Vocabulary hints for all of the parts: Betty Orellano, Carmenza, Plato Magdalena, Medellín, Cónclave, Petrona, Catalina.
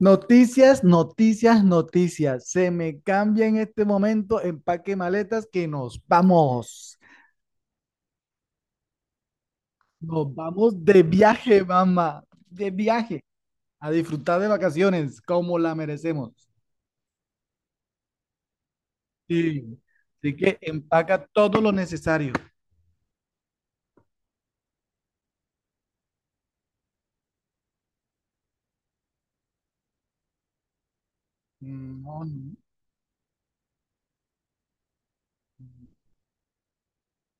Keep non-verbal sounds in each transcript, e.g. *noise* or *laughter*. Noticias, noticias, noticias. Se me cambia en este momento empaque maletas que nos vamos. Nos vamos de viaje, mamá. De viaje. A disfrutar de vacaciones como la merecemos. Sí. Así que empaca todo lo necesario. No, no.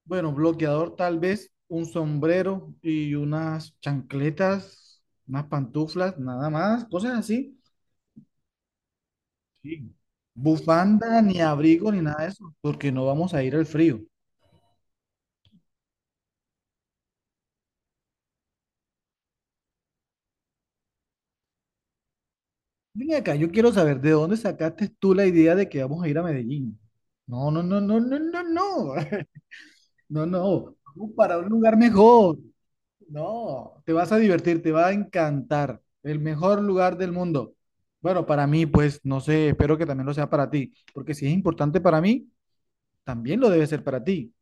Bueno, bloqueador tal vez, un sombrero y unas chancletas, unas pantuflas, nada más, cosas así. Sí. Bufanda, ni abrigo, ni nada de eso, porque no vamos a ir al frío. Ven acá, yo quiero saber de dónde sacaste tú la idea de que vamos a ir a Medellín. No, no, no, no, no, no, no. *laughs* No, no. Vamos para un lugar mejor. No, te vas a divertir, te va a encantar. El mejor lugar del mundo. Bueno, para mí, pues, no sé, espero que también lo sea para ti, porque si es importante para mí, también lo debe ser para ti.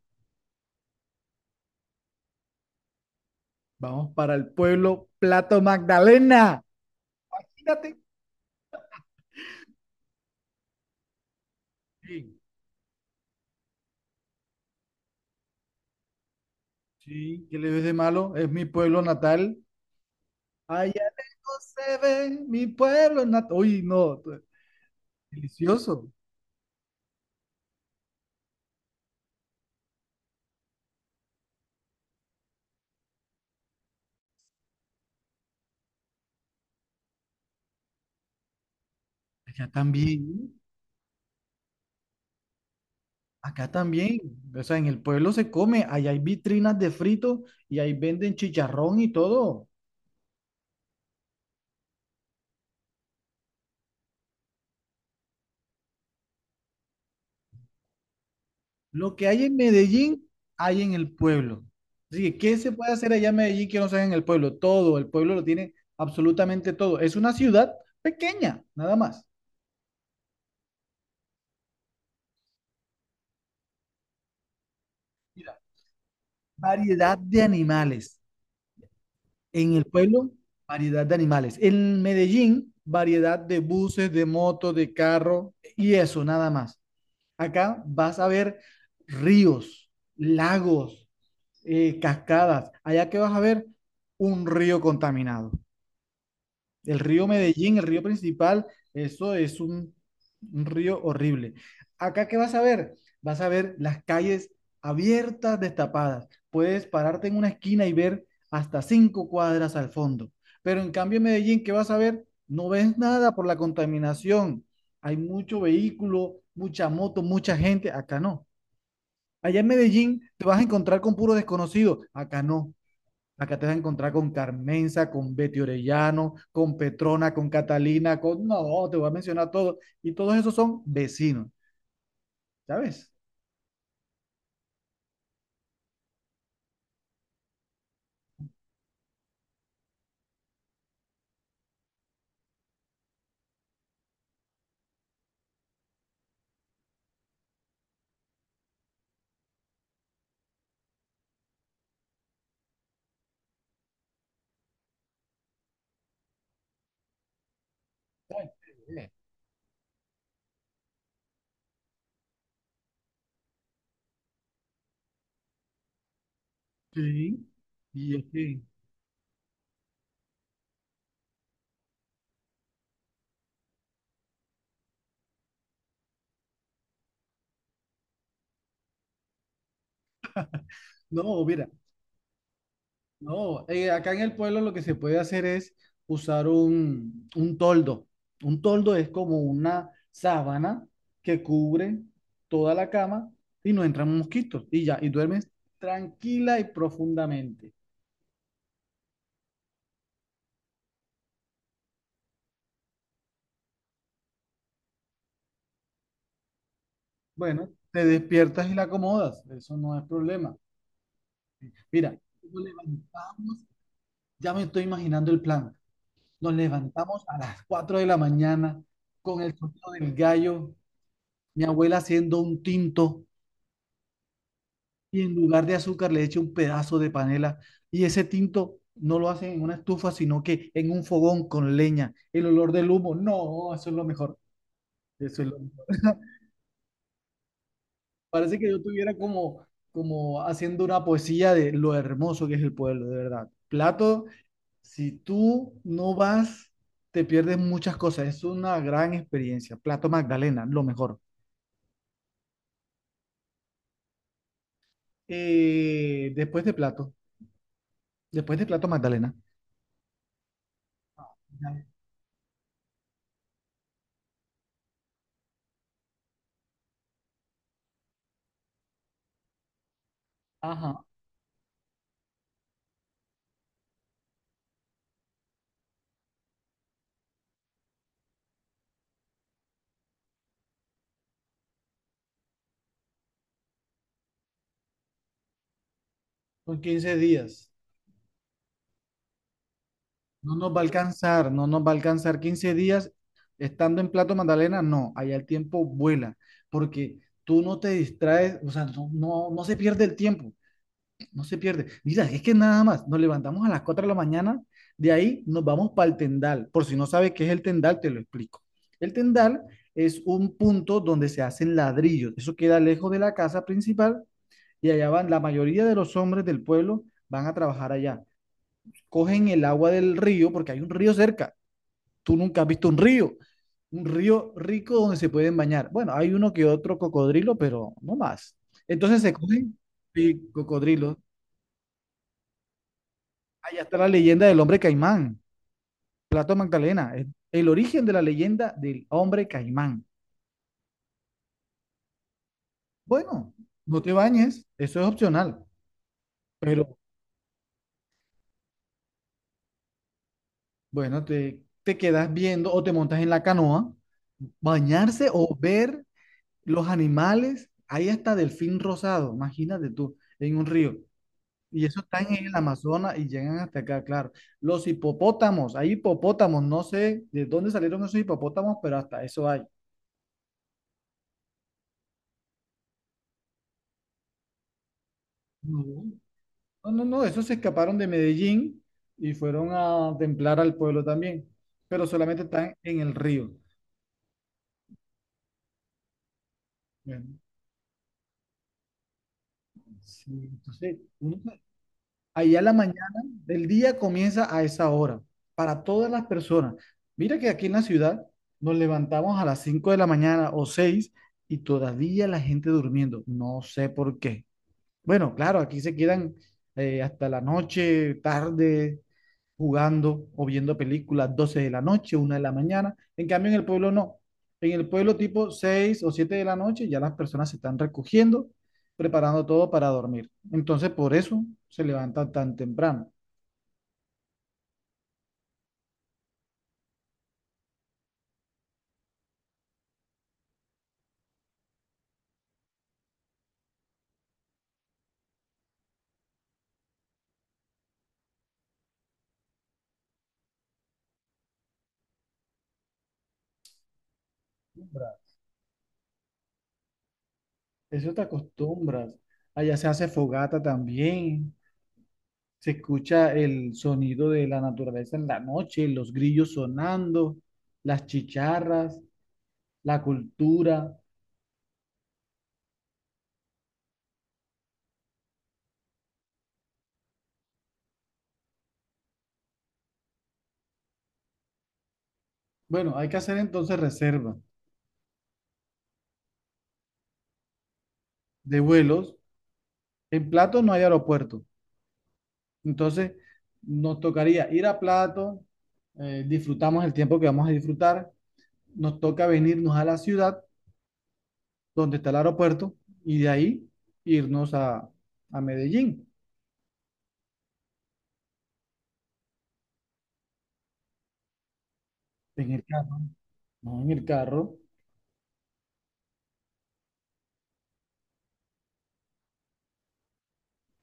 Vamos para el pueblo Plato Magdalena. Fíjate. Sí. Sí, ¿qué le ves de malo? Es mi pueblo natal. Allá lejos se ve mi pueblo natal. Uy, no, delicioso. Allá también, acá también. O sea, en el pueblo se come, allá hay vitrinas de frito y ahí venden chicharrón y todo. Lo que hay en Medellín, hay en el pueblo. Así que, ¿qué se puede hacer allá en Medellín que no sea en el pueblo? Todo, el pueblo lo tiene absolutamente todo. Es una ciudad pequeña, nada más. Mira, variedad de animales. En el pueblo, variedad de animales. En Medellín, variedad de buses, de motos, de carro y eso, nada más. Acá vas a ver ríos, lagos, cascadas. Allá que vas a ver un río contaminado. El río Medellín, el río principal, eso es un río horrible. Acá, ¿qué vas a ver? Vas a ver las calles abiertas, destapadas. Puedes pararte en una esquina y ver hasta 5 cuadras al fondo. Pero en cambio, en Medellín, ¿qué vas a ver? No ves nada por la contaminación. Hay mucho vehículo, mucha moto, mucha gente. Acá no. Allá en Medellín te vas a encontrar con puro desconocido. Acá no. Acá te vas a encontrar con Carmenza, con Betty Orellano, con Petrona, con Catalina, con... No, te voy a mencionar todo. Y todos esos son vecinos, ¿sabes? Sí. Y es que... No, mira, no. Acá en el pueblo lo que se puede hacer es usar un toldo. Un toldo es como una sábana que cubre toda la cama y no entran mosquitos. Y ya, y duermes tranquila y profundamente. Bueno, te despiertas y la acomodas, eso no es problema. Mira, nos levantamos, ya me estoy imaginando el plan. Nos levantamos a las 4 de la mañana con el sonido del gallo, mi abuela haciendo un tinto y en lugar de azúcar le echa un pedazo de panela y ese tinto no lo hacen en una estufa, sino que en un fogón con leña. El olor del humo, no, eso es lo mejor. Eso es lo mejor. *laughs* Parece que yo estuviera como, como haciendo una poesía de lo hermoso que es el pueblo, de verdad. Plato, si tú no vas, te pierdes muchas cosas. Es una gran experiencia. Plato Magdalena, lo mejor. Después de Plato, después de Plato Magdalena. Ya. Ajá, son 15 días. No nos va a alcanzar, no nos va a alcanzar 15 días estando en Plato Magdalena. No, allá el tiempo vuela, porque tú no te distraes, o sea, no, no se pierde el tiempo. No se pierde. Mira, es que nada más, nos levantamos a las 4 de la mañana, de ahí nos vamos para el tendal. Por si no sabes qué es el tendal, te lo explico. El tendal es un punto donde se hacen ladrillos. Eso queda lejos de la casa principal y allá van, la mayoría de los hombres del pueblo van a trabajar allá. Cogen el agua del río, porque hay un río cerca. Tú nunca has visto un río. Un río rico donde se pueden bañar. Bueno, hay uno que otro cocodrilo, pero no más. Entonces se cogen sí, cocodrilos. Allá está la leyenda del hombre caimán, Plato Magdalena, es el origen de la leyenda del hombre caimán. Bueno, no te bañes, eso es opcional, pero bueno, te quedas viendo o te montas en la canoa, bañarse o ver los animales, ahí hasta delfín rosado, imagínate tú, en un río. Y eso están en el Amazonas y llegan hasta acá, claro. Los hipopótamos, hay hipopótamos, no sé de dónde salieron esos hipopótamos, pero hasta eso hay. No. No, no, no, esos se escaparon de Medellín y fueron a templar al pueblo también, pero solamente están en el río. Bueno, sí, entonces, uno, allá la mañana del día comienza a esa hora, para todas las personas. Mira que aquí en la ciudad nos levantamos a las 5 de la mañana o 6 y todavía la gente durmiendo, no sé por qué. Bueno, claro, aquí se quedan hasta la noche, tarde, jugando o viendo películas 12 de la noche, 1 de la mañana. En cambio, en el pueblo no. En el pueblo tipo 6 o 7 de la noche ya las personas se están recogiendo, preparando todo para dormir. Entonces, por eso se levantan tan temprano. Eso te acostumbras. Allá se hace fogata también. Se escucha el sonido de la naturaleza en la noche, los grillos sonando, las chicharras, la cultura. Bueno, hay que hacer entonces reserva de vuelos. En Plato no hay aeropuerto. Entonces, nos tocaría ir a Plato, disfrutamos el tiempo que vamos a disfrutar, nos toca venirnos a la ciudad donde está el aeropuerto y de ahí irnos a Medellín en el carro. No en el carro,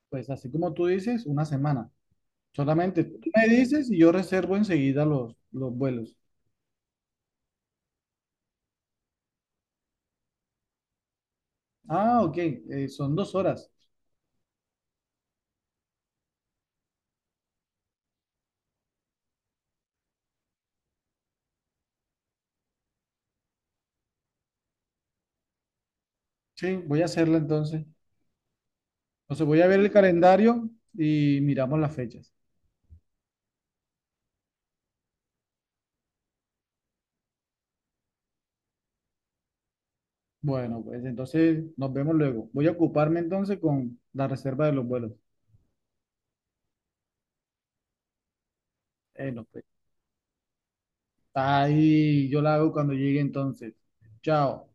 pues así como tú dices, una semana. Solamente tú me dices y yo reservo enseguida los vuelos. Ah, ok, son 2 horas. Sí, voy a hacerla entonces. Entonces voy a ver el calendario y miramos las fechas. Bueno, pues entonces nos vemos luego. Voy a ocuparme entonces con la reserva de los vuelos. No, pues, ahí yo la hago cuando llegue entonces. Chao.